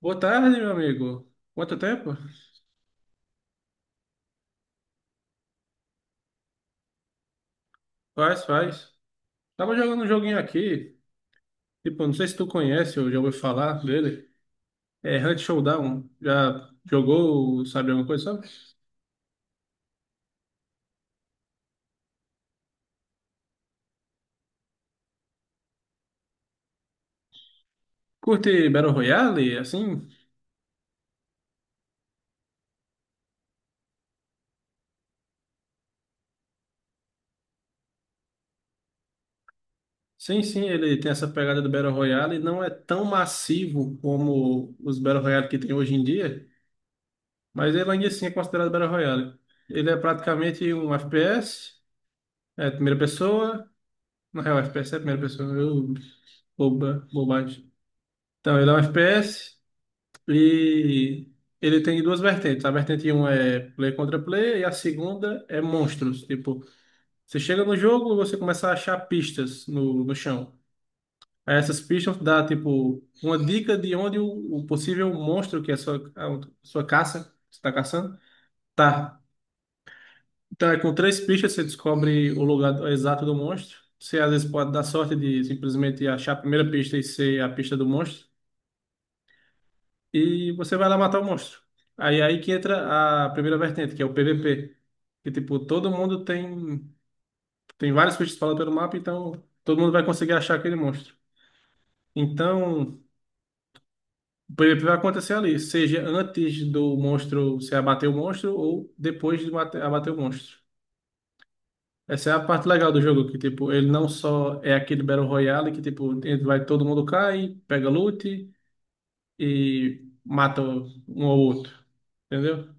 Boa tarde, meu amigo. Quanto tempo? Faz. Tava jogando um joguinho aqui, tipo, não sei se tu conhece ou já ouviu falar dele. É Hunt Showdown. Já jogou, sabe alguma coisa, sabe? Curte Battle Royale, assim? Sim, ele tem essa pegada do Battle Royale, não é tão massivo como os Battle Royale que tem hoje em dia, mas ele ainda assim é considerado Battle Royale. Ele é praticamente um FPS, é primeira pessoa, na real, FPS é primeira pessoa, bobagem. Então, ele é um FPS e ele tem duas vertentes. A vertente um é player contra player e a segunda é monstros. Tipo, você chega no jogo e você começa a achar pistas no chão. Aí essas pistas dá, tipo, uma dica de onde o possível monstro, que é a sua caça, que você tá caçando, tá. Então, é com três pistas você descobre o lugar exato do monstro. Você às vezes pode dar sorte de simplesmente achar a primeira pista e ser a pista do monstro e você vai lá matar o monstro. Aí é aí que entra a primeira vertente, que é o PVP. Que tipo, todo mundo tem tem vários bichos espalhados pelo mapa, então todo mundo vai conseguir achar aquele monstro. Então, o PVP vai acontecer ali, seja antes do monstro você abater o monstro ou depois de abater o monstro. Essa é a parte legal do jogo, que tipo, ele não só é aquele Battle Royale que tipo, ele vai todo mundo cai, pega loot e mata um ao outro. Entendeu?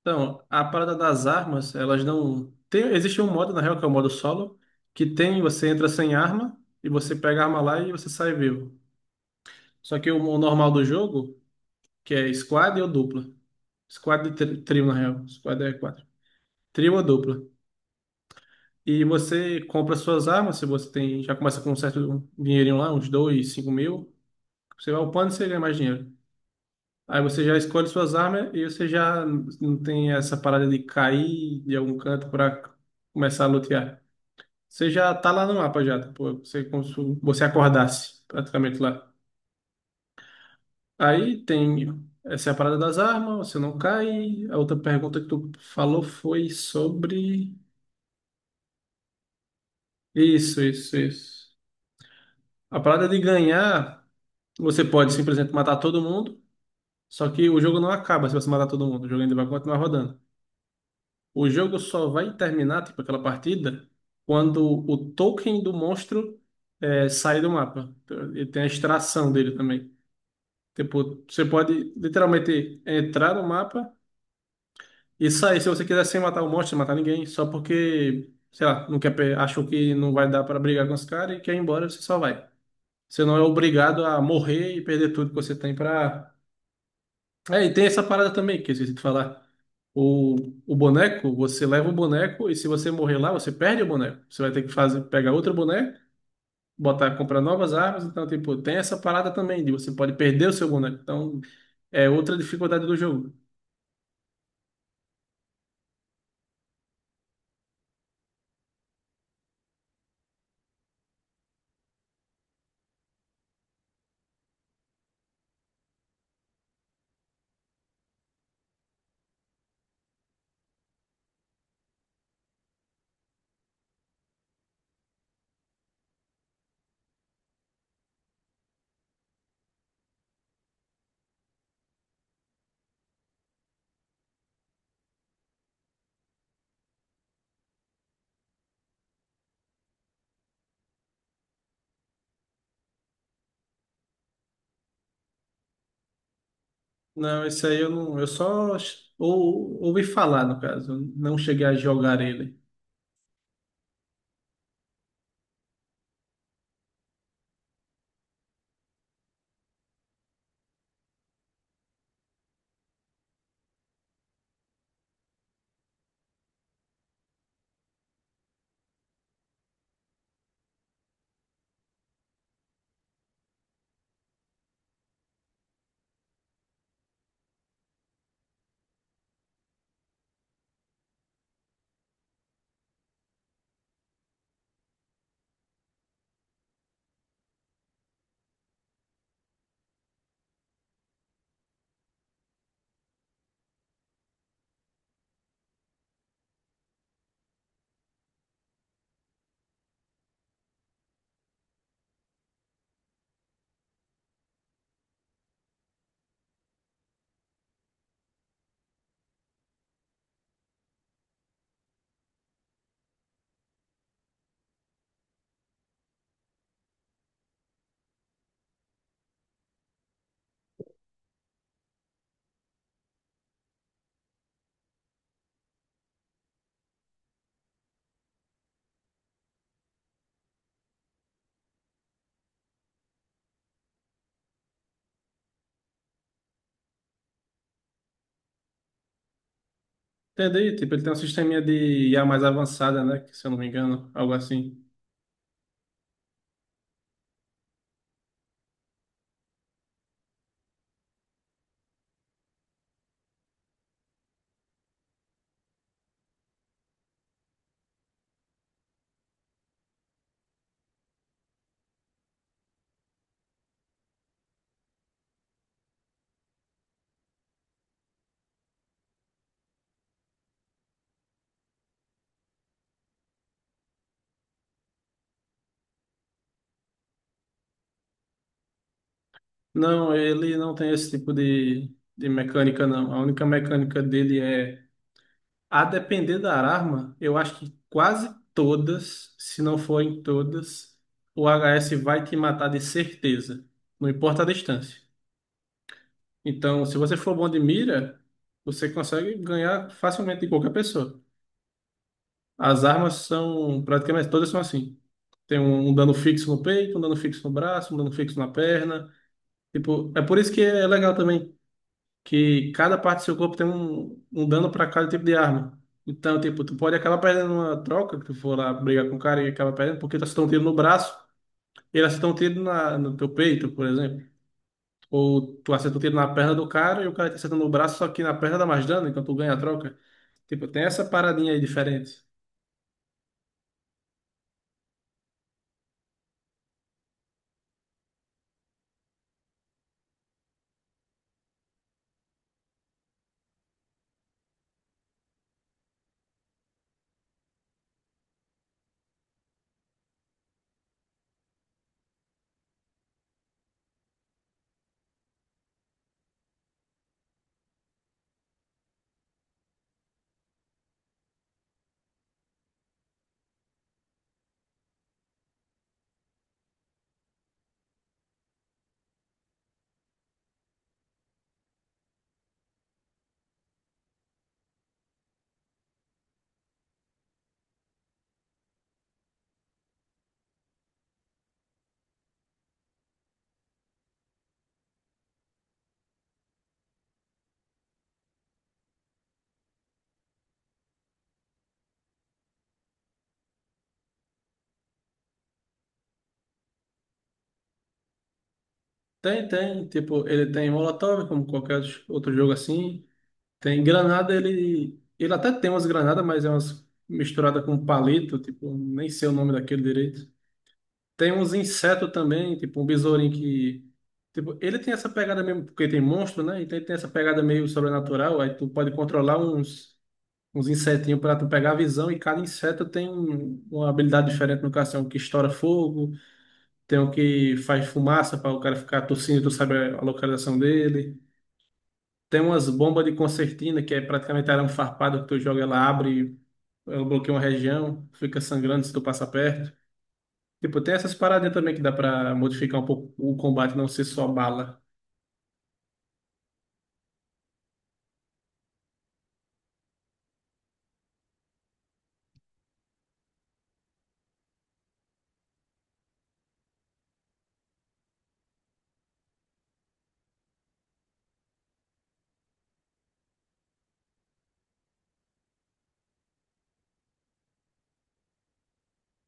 Então, a parada das armas, elas não. Tem, existe um modo, na real, que é o modo solo, que tem, você entra sem arma, e você pega a arma lá e você sai vivo. Só que o normal do jogo, que é squad ou dupla. Squad e trio, na real. Squad é quatro. Trio ou dupla. E você compra suas armas, se você tem. Já começa com um certo dinheirinho lá, uns dois, cinco mil. Você vai upando e você ganha mais dinheiro. Aí você já escolhe suas armas e você já não tem essa parada de cair de algum canto para começar a lutear. Você já tá lá no mapa já, tá? Pô, você, como se você acordasse praticamente lá. Aí tem essa é a parada das armas, você não cai. A outra pergunta que tu falou foi sobre. Isso. A parada de ganhar, você pode simplesmente matar todo mundo, só que o jogo não acaba se você matar todo mundo, o jogo ainda vai continuar rodando. O jogo só vai terminar, tipo, aquela partida, quando o token do monstro sai do mapa. Então, ele tem a extração dele também. Tipo, você pode literalmente entrar no mapa e sair se você quiser sem matar o monstro, sem matar ninguém, só porque, sei lá, não quer, achou que não vai dar pra brigar com os caras e quer ir embora, você só vai. Você não é obrigado a morrer e perder tudo que você tem pra. É, e tem essa parada também que eu esqueci de falar. O, o boneco, você leva o boneco e se você morrer lá, você perde o boneco. Você vai ter que fazer, pegar outro boneco, botar, comprar novas armas. Então, tipo, tem essa parada também de você pode perder o seu boneco. Então, é outra dificuldade do jogo. Não, isso aí eu não. Eu só ouvi falar, no caso. Não cheguei a jogar ele. Entendi. Tipo, ele tem um sisteminha de IA mais avançada, né? Se eu não me engano, algo assim. Não, ele não tem esse tipo de mecânica, não. A única mecânica dele é, a depender da arma, eu acho que quase todas, se não forem todas, o HS vai te matar de certeza. Não importa a distância. Então, se você for bom de mira, você consegue ganhar facilmente de qualquer pessoa. As armas são praticamente todas são assim. Tem um dano fixo no peito, um dano fixo no braço, um dano fixo na perna. Tipo, é por isso que é legal também, que cada parte do seu corpo tem um dano para cada tipo de arma. Então, tipo, tu pode acabar perdendo uma troca, que tu for lá brigar com o cara e acaba perdendo, porque tu acertou um tiro no braço, ele acertou um tiro no teu peito, por exemplo. Ou tu acertou um tiro na perna do cara e o cara tá acertando no braço, só que na perna dá mais dano, então tu ganha a troca. Tipo, tem essa paradinha aí diferente. Tem. Tipo, ele tem Molotov, como qualquer outro jogo assim. Tem granada, ele. Ele até tem umas granadas, mas é umas misturada com palito, tipo, nem sei o nome daquele direito. Tem uns insetos também, tipo, um besourinho que. Tipo, ele tem essa pegada mesmo, porque tem monstro, né? Então ele tem essa pegada meio sobrenatural, aí tu pode controlar uns insetinhos pra tu pegar a visão, e cada inseto tem uma habilidade diferente no caso, tem um que estoura fogo, tem o que faz fumaça para o cara ficar tossindo, tu sabe a localização dele. Tem umas bombas de concertina, que é praticamente arame farpado que tu joga, ela abre, ela bloqueia uma região, fica sangrando se tu passa perto. Tipo, tem essas paradinhas também que dá pra modificar um pouco o combate, não ser só bala.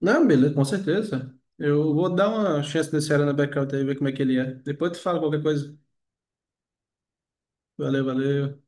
Não, beleza, com certeza. Eu vou dar uma chance nesse Arana Blackout aí, ver como é que ele é. Depois tu fala qualquer coisa. Valeu.